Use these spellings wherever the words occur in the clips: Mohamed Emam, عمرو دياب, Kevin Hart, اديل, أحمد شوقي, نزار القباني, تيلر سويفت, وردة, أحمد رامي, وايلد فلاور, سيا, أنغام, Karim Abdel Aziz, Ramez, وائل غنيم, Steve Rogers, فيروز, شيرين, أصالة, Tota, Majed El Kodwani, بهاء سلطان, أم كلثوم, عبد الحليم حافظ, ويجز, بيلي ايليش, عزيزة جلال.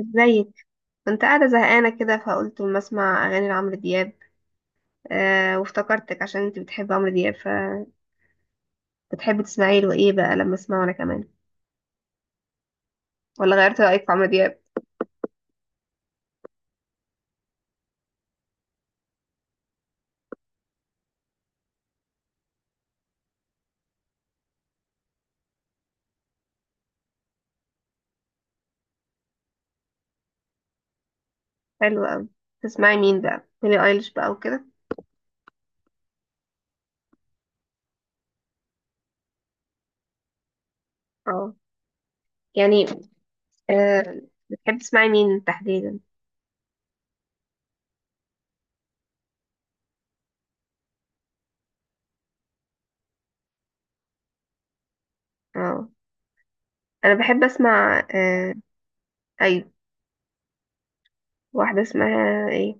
ازيك؟ كنت قاعدة زهقانة كده، فقلت ما اسمع اغاني لعمرو دياب. وافتكرتك عشان انت بتحب عمرو دياب، فبتحبي تسمعي له ايه بقى لما اسمعه انا كمان؟ ولا غيرت رأيك في عمرو دياب؟ حلو قوي. تسمعي مين بقى، بيلي ايليش بقى وكده؟ اه. يعني. آه، بتحب تسمعي مين تحديدا؟ اه، انا بحب اسمع. ايوه، واحدة اسمها ايه؟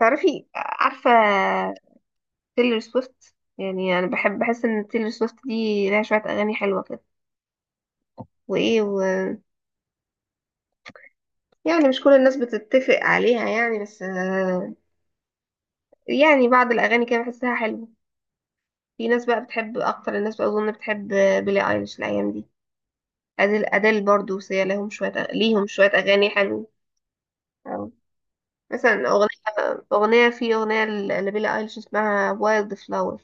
عارفة تيلر سويفت؟ يعني انا بحس ان تيلر سويفت دي لها شوية اغاني حلوة كده. وايه يعني مش كل الناس بتتفق عليها يعني، بس يعني بعض الاغاني كده بحسها حلوة. في ناس بقى بتحب، اكتر الناس بقى اظن بتحب بيلي ايليش الايام دي. اديل برضو، سيا ليهم شوية اغاني حلوة. أو مثلا اغنية لبيلي ايليش اسمها وايلد فلاور،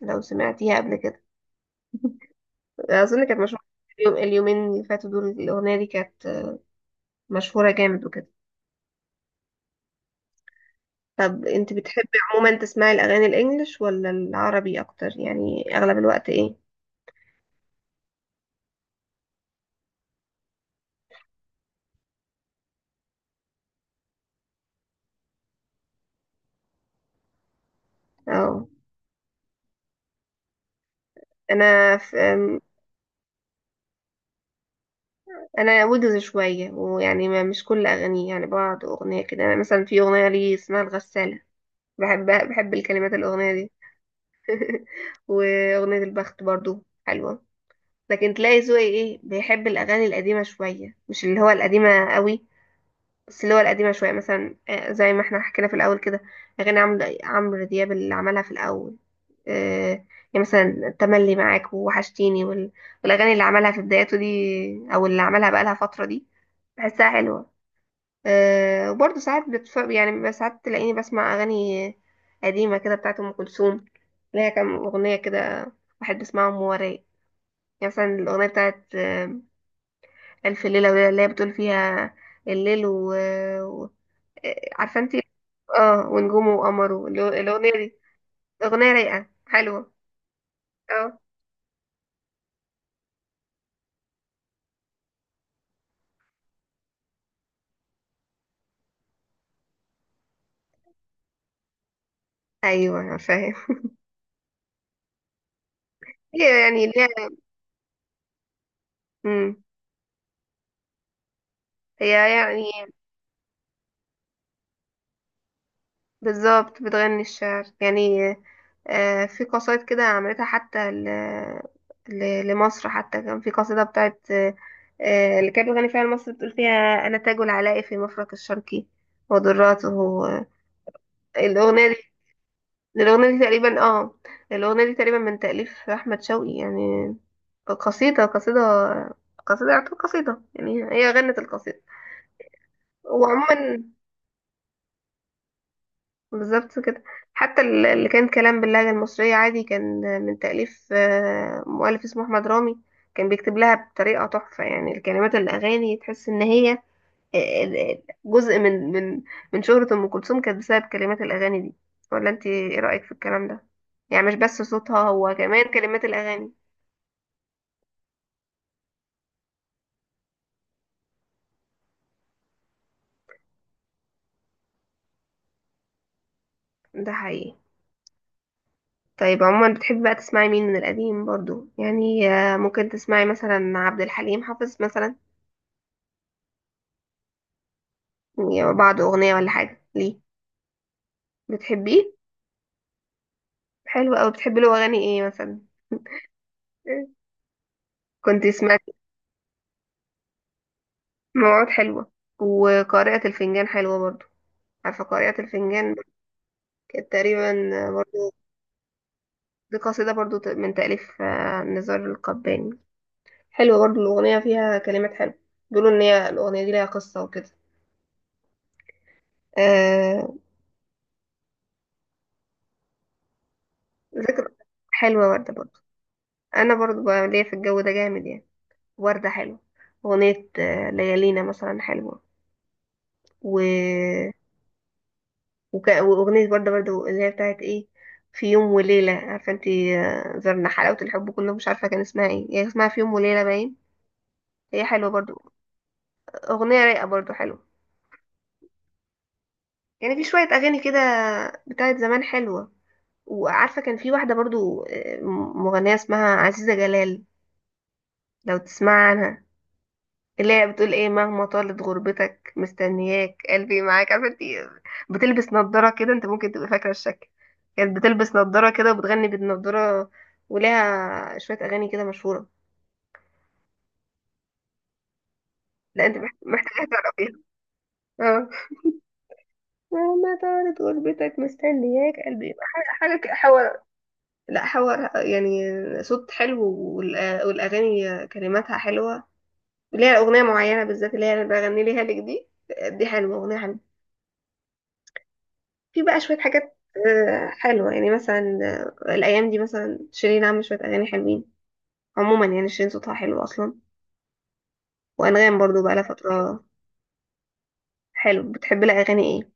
لو سمعتيها قبل كده. اظن كانت مشهوره اليومين اللي فاتوا دول، الاغنيه دي كانت مشهوره جامد وكده. طب انت بتحبي عموما تسمعي الاغاني الانجليش ولا العربي اكتر؟ يعني اغلب الوقت ايه؟ اه. انا في انا ويجز شويه، ويعني ما مش كل اغانيه، يعني بعض اغنيه كده. انا مثلا في اغنيه لي اسمها الغساله، بحب الكلمات الاغنيه دي. واغنيه البخت برضو حلوه. لكن تلاقي ذوقي ايه، بيحب الاغاني القديمه شويه، مش اللي هو القديمه قوي، بس اللي هو القديمة شوية. مثلا زي ما احنا حكينا في الأول كده، أغاني عمرو دياب اللي عملها في الأول. آه، يعني مثلا تملي معاك ووحشتيني، والأغاني اللي عملها في بداياته دي، أو اللي عملها بقالها فترة دي، بحسها حلوة. وبرضه ساعات يعني بيبقى ساعات تلاقيني بسمع أغاني قديمة كده بتاعت أم كلثوم، اللي هي كام أغنية كده بحب أسمعهم وراي. يعني مثلا الأغنية بتاعت ألف ليلة وليلة، اللي هي بتقول فيها الليل و... آه، عارفه انت. اه، ونجومه وقمره الاغنيه دي اغنيه رايقه حلوه. اه، ايوه أنا فاهم. هي يعني ليها امم هي يعني بالظبط بتغني الشعر يعني. في قصايد كده عملتها حتى لمصر، حتى كان في قصيده بتاعت اللي كانت بتغني فيها لمصر، بتقول فيها انا تاج العلاء في مفرق الشرقي ودراته. آه، الاغنيه دي الأغنية دي تقريبا اه الأغنية دي تقريبا من تأليف أحمد شوقي يعني. قصيدة قصيدة قصيدة يعتبر قصيدة يعني، هي غنت القصيدة. وعموما بالظبط كده. حتى اللي كان كلام باللهجة المصرية عادي، كان من تأليف مؤلف اسمه أحمد رامي. كان بيكتب لها بطريقة تحفة. يعني الكلمات الأغاني تحس إن هي جزء من شهرة أم كلثوم، كانت بسبب كلمات الأغاني دي. ولا أنت إيه رأيك في الكلام ده؟ يعني مش بس صوتها، هو كمان كلمات الأغاني. ده حقيقي. طيب عموما بتحبي بقى تسمعي مين من القديم برضو؟ يعني ممكن تسمعي مثلا عبد الحليم حافظ مثلا؟ يعني بعض أغنية ولا حاجة ليه؟ بتحبيه؟ حلو أوي. بتحبي له أغاني إيه مثلا؟ كنت سمعت موعود حلوة، وقارئة الفنجان حلوة برضو. عارفة قارئة الفنجان؟ كانت تقريبا دي قصيدة برضو، من تأليف نزار القباني. حلوة برضو الأغنية، فيها كلمات حلوة. بيقولوا إن هي الأغنية دي ليها قصة وكده آه ذكر حلوة وردة برضو. أنا برضو بقى ليا في الجو ده جامد يعني. وردة حلوة. أغنية آه، ليالينا مثلا حلوة و... وأغنية وردة برضو اللي هي بتاعت إيه، في يوم وليلة. عارفة انتي، زرنا حلاوة الحب كله، مش عارفة كان اسمها ايه، هي اسمها في يوم وليلة باين. هي حلوة برضو. أغنية رايقة برضو حلوة. يعني في شوية أغاني كده بتاعت زمان حلوة. وعارفة كان في واحدة برضو، مغنية اسمها عزيزة جلال، لو تسمع عنها. اللي هي بتقول ايه مهما طالت غربتك مستنياك قلبي معاك. عارفة انت بتلبس نضارة كده، انت ممكن تبقى فاكرة الشكل. كانت بتلبس نضارة كده وبتغني بالنضارة، ولها شوية أغاني كده مشهورة. لا، انت محتاجة تعرفيها. اه، مهما طالت غربتك مستنياك قلبي، حاجة حاجة كده. لا حوار يعني، صوت حلو، والأغاني كلماتها حلوة. اللي هي أغنية معينة بالذات، اللي هي أنا بغني ليها لك دي حلوة، أغنية حلوة. في بقى شوية حاجات حلوة يعني، مثلا الأيام دي مثلا شيرين عاملة شوية أغاني حلوين. عموما يعني شيرين صوتها حلو أصلا. وأنغام برضو بقى لها فترة. حلو. بتحب لها أغاني إيه؟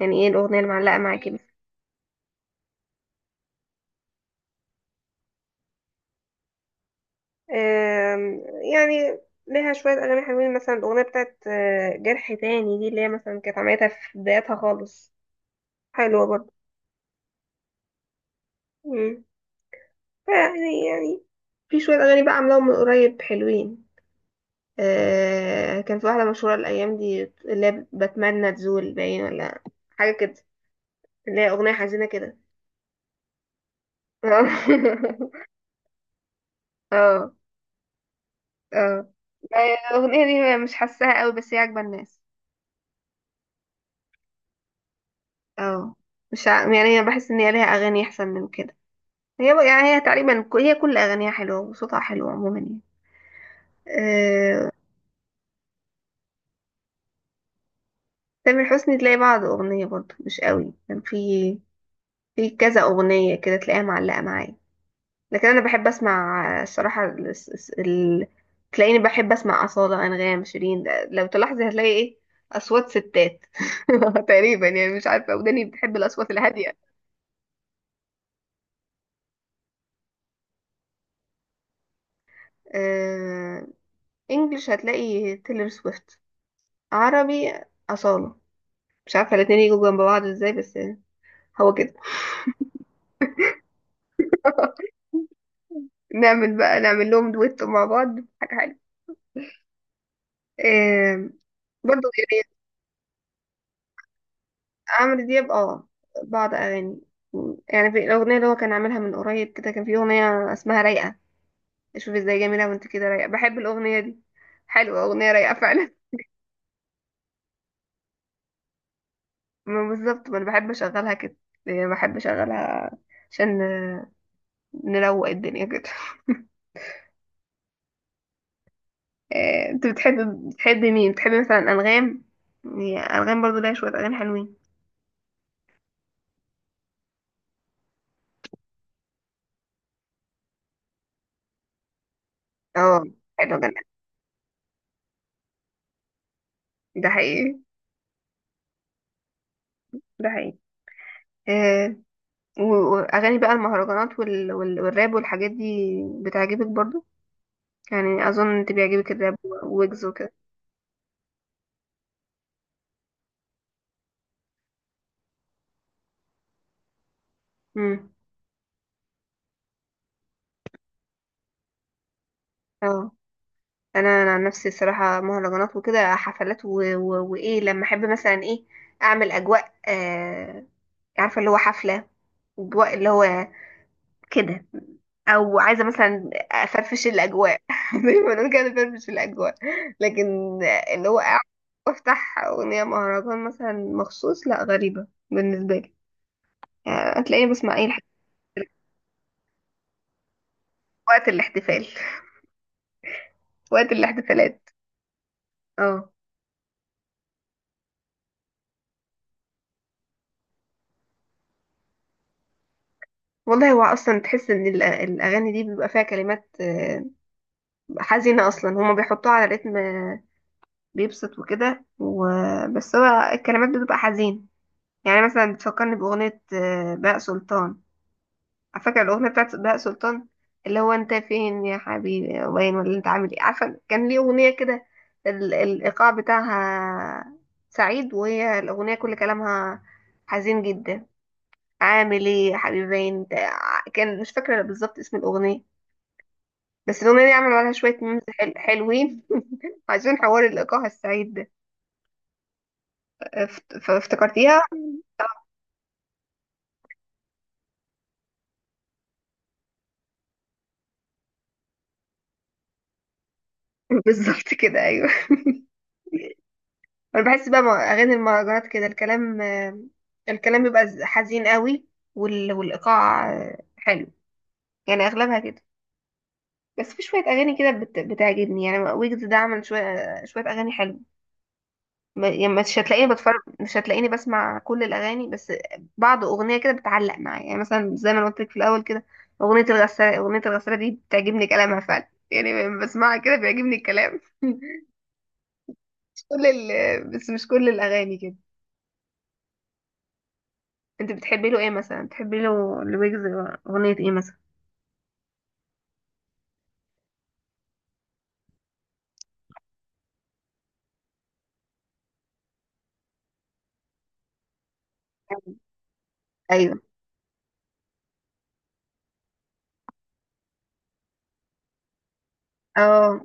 يعني إيه الأغنية اللي معلقة معاكي مثلا؟ آم، يعني ليها شوية أغاني حلوين، مثلا الأغنية بتاعت جرح تاني دي، اللي هي مثلا كانت عملتها في بدايتها خالص، حلوة برضه. مم. فيعني في شوية أغاني بقى عاملاهم من قريب حلوين. كان في واحدة مشهورة الأيام دي، اللي هي بتمنى تزول باين ولا حاجة كده، اللي هي أغنية حزينة كده. اه، اه، الأغنية دي مش حاساها قوي، بس هي عاجبة الناس. اه، مش يعني أنا بحس إن هي ليها أغاني أحسن من كده. هي بقى- يعني هي تقريبا ك- هي كل أغانيها حلوة، وصوتها حلو عموما يعني. آه، تامر حسني تلاقي بعض أغنية برضه مش قوي، كان في كذا أغنية كده تلاقيها معلقة معايا. لكن أنا بحب أسمع الصراحة تلاقيني بحب أسمع أصالة، أنغام، شيرين. لو تلاحظي هتلاقي إيه، أصوات ستات. تقريبا يعني، مش عارفة وداني بتحب الأصوات الهادية. آه... إنجلش هتلاقي تيلر سويفت، عربي أصالة. مش عارفة الاتنين يجوا جنب بعض إزاي، بس يعني هو كده. نعمل لهم دويتو مع بعض، حاجة حلوة. آه... برضه عمرو دياب، بعض اغاني. يعني في الاغنيه اللي هو كان عاملها من قريب كده، كان في اغنيه اسمها رايقه، شوف ازاي جميله وانت كده رايقه. بحب الاغنيه دي، حلوه اغنيه رايقه فعلا. ما بالظبط، ما انا بحب اشغلها كده، يعني بحب اشغلها عشان نروق الدنيا كده. انت بتحب مين؟ بتحب مثلا انغام؟ يعني انغام برضو ليها شويه اغاني حلوين. اه، حلو جدا. ده حقيقي، ده حقيقي. آه، و- واغاني بقى المهرجانات والراب والحاجات دي، بتعجبك برضو؟ يعني اظن انت بيعجبك الراب ويجز وكده. امم اه، انا عن نفسي الصراحه مهرجانات وكده، حفلات وايه. لما احب مثلا ايه، اعمل اجواء. عارفه اللي هو حفله، اجواء اللي هو كده، او عايزه مثلا افرفش الاجواء، زي ما بنقول كده افرفش الاجواء. لكن اللي هو افتح اغنيه مهرجان مثلا مخصوص، لا غريبه بالنسبه لي. يعني هتلاقيني بسمع اي الحاجات وقت الاحتفال، وقت الاحتفالات. اه، والله هو اصلا تحس ان الاغاني دي بيبقى فيها كلمات حزينه اصلا، هما بيحطوها على رتم بيبسط وكده، بس هو الكلمات بتبقى حزين. يعني مثلا بتفكرني باغنيه بهاء سلطان. على فكره الاغنيه بتاعت بهاء سلطان اللي هو انت فين يا حبيبي وين، ولا انت عامل ايه، عارفه كان ليه اغنيه كده، الايقاع بتاعها سعيد وهي الاغنيه كل كلامها حزين جدا. عامل ايه يا حبيبي انت. كان مش فاكره بالظبط اسم الاغنيه، بس الاغنيه دي عملوا عليها شويه ميمز حلوين، عشان حوار الايقاع السعيد ده. فافتكرتيها. بالظبط كده، ايوه. انا بحس بقى مع اغاني المهرجانات كده الكلام بيبقى حزين قوي، والايقاع حلو. يعني اغلبها كده. بس في شويه اغاني كده بتعجبني، يعني ويجز ده عمل شويه شويه اغاني حلوه. يعني مش هتلاقيني بسمع كل الاغاني، بس بعض اغنيه كده بتعلق معايا. يعني مثلا زي ما أنا قلت لك في الاول كده، اغنيه الغساله دي بتعجبني كلامها فعلا، يعني لما بسمعها كده بيعجبني الكلام. مش كل ال... بس مش كل الاغاني كده. انت بتحبي له ايه مثلا؟ بتحبي له لويجز اغنيه ايه مثلا؟ ايوه. اه،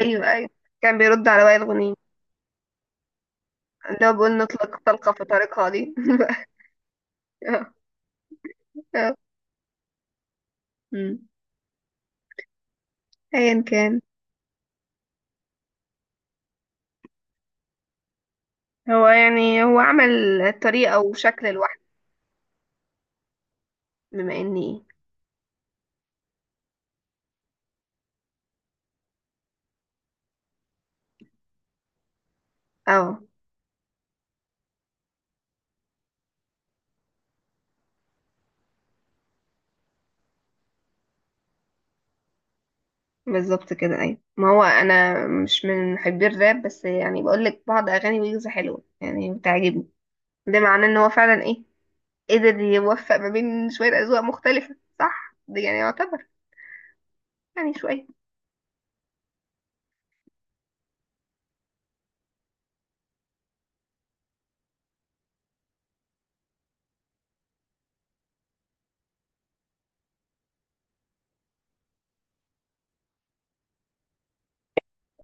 ايوه ايوه، كان بيرد على وائل غنيم، اللي هو بيقول نطلق طلقه في طريقها دي. آه، آه. مم. ايا كان. هو عمل طريقة وشكل لوحده. بما اني... اه، بالظبط كده ايوه. ما هو انا مش من محبي الراب، بس يعني بقولك بعض اغاني ويجز حلوة، يعني بتعجبني. ده معناه ان هو فعلا ايه، قدر يوفق ما بين شوية اذواق مختلفة، صح؟ ده يعني يعتبر يعني شوية.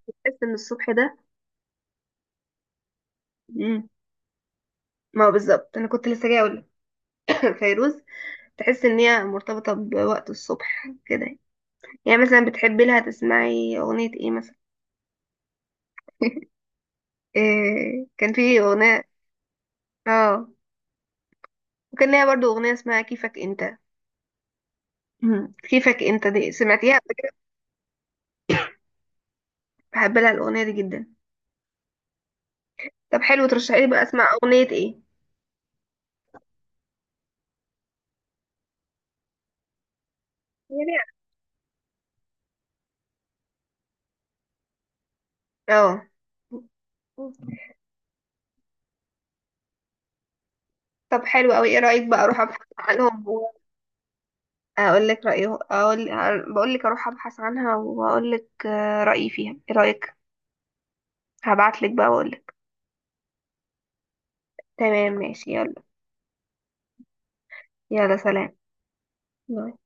تحس ان الصبح ده... مم. ما هو بالظبط، انا كنت لسه جايه اقول. فيروز. تحس ان هي مرتبطه بوقت الصبح كده. يعني مثلا بتحبي لها تسمعي اغنيه ايه مثلا؟ إيه كان في أغنية. اه. وكان ليها برضو أغنية اسمها كيفك انت. مم. كيفك انت دي سمعتيها قبل كده؟ بحب لها الأغنية دي جدا. طب حلو، ترشحي لي بقى اسمع أغنية ايه. يا ريت. اه، طب حلو قوي. ايه رأيك بقى اروح ابحث عنهم واقول لك رأيي؟ اقول، بقول لك اروح ابحث عنها واقول لك رأيي فيها ايه رأيك. هبعت لك بقى واقول لك. تمام ماشي يلا. يلا سلام. باي.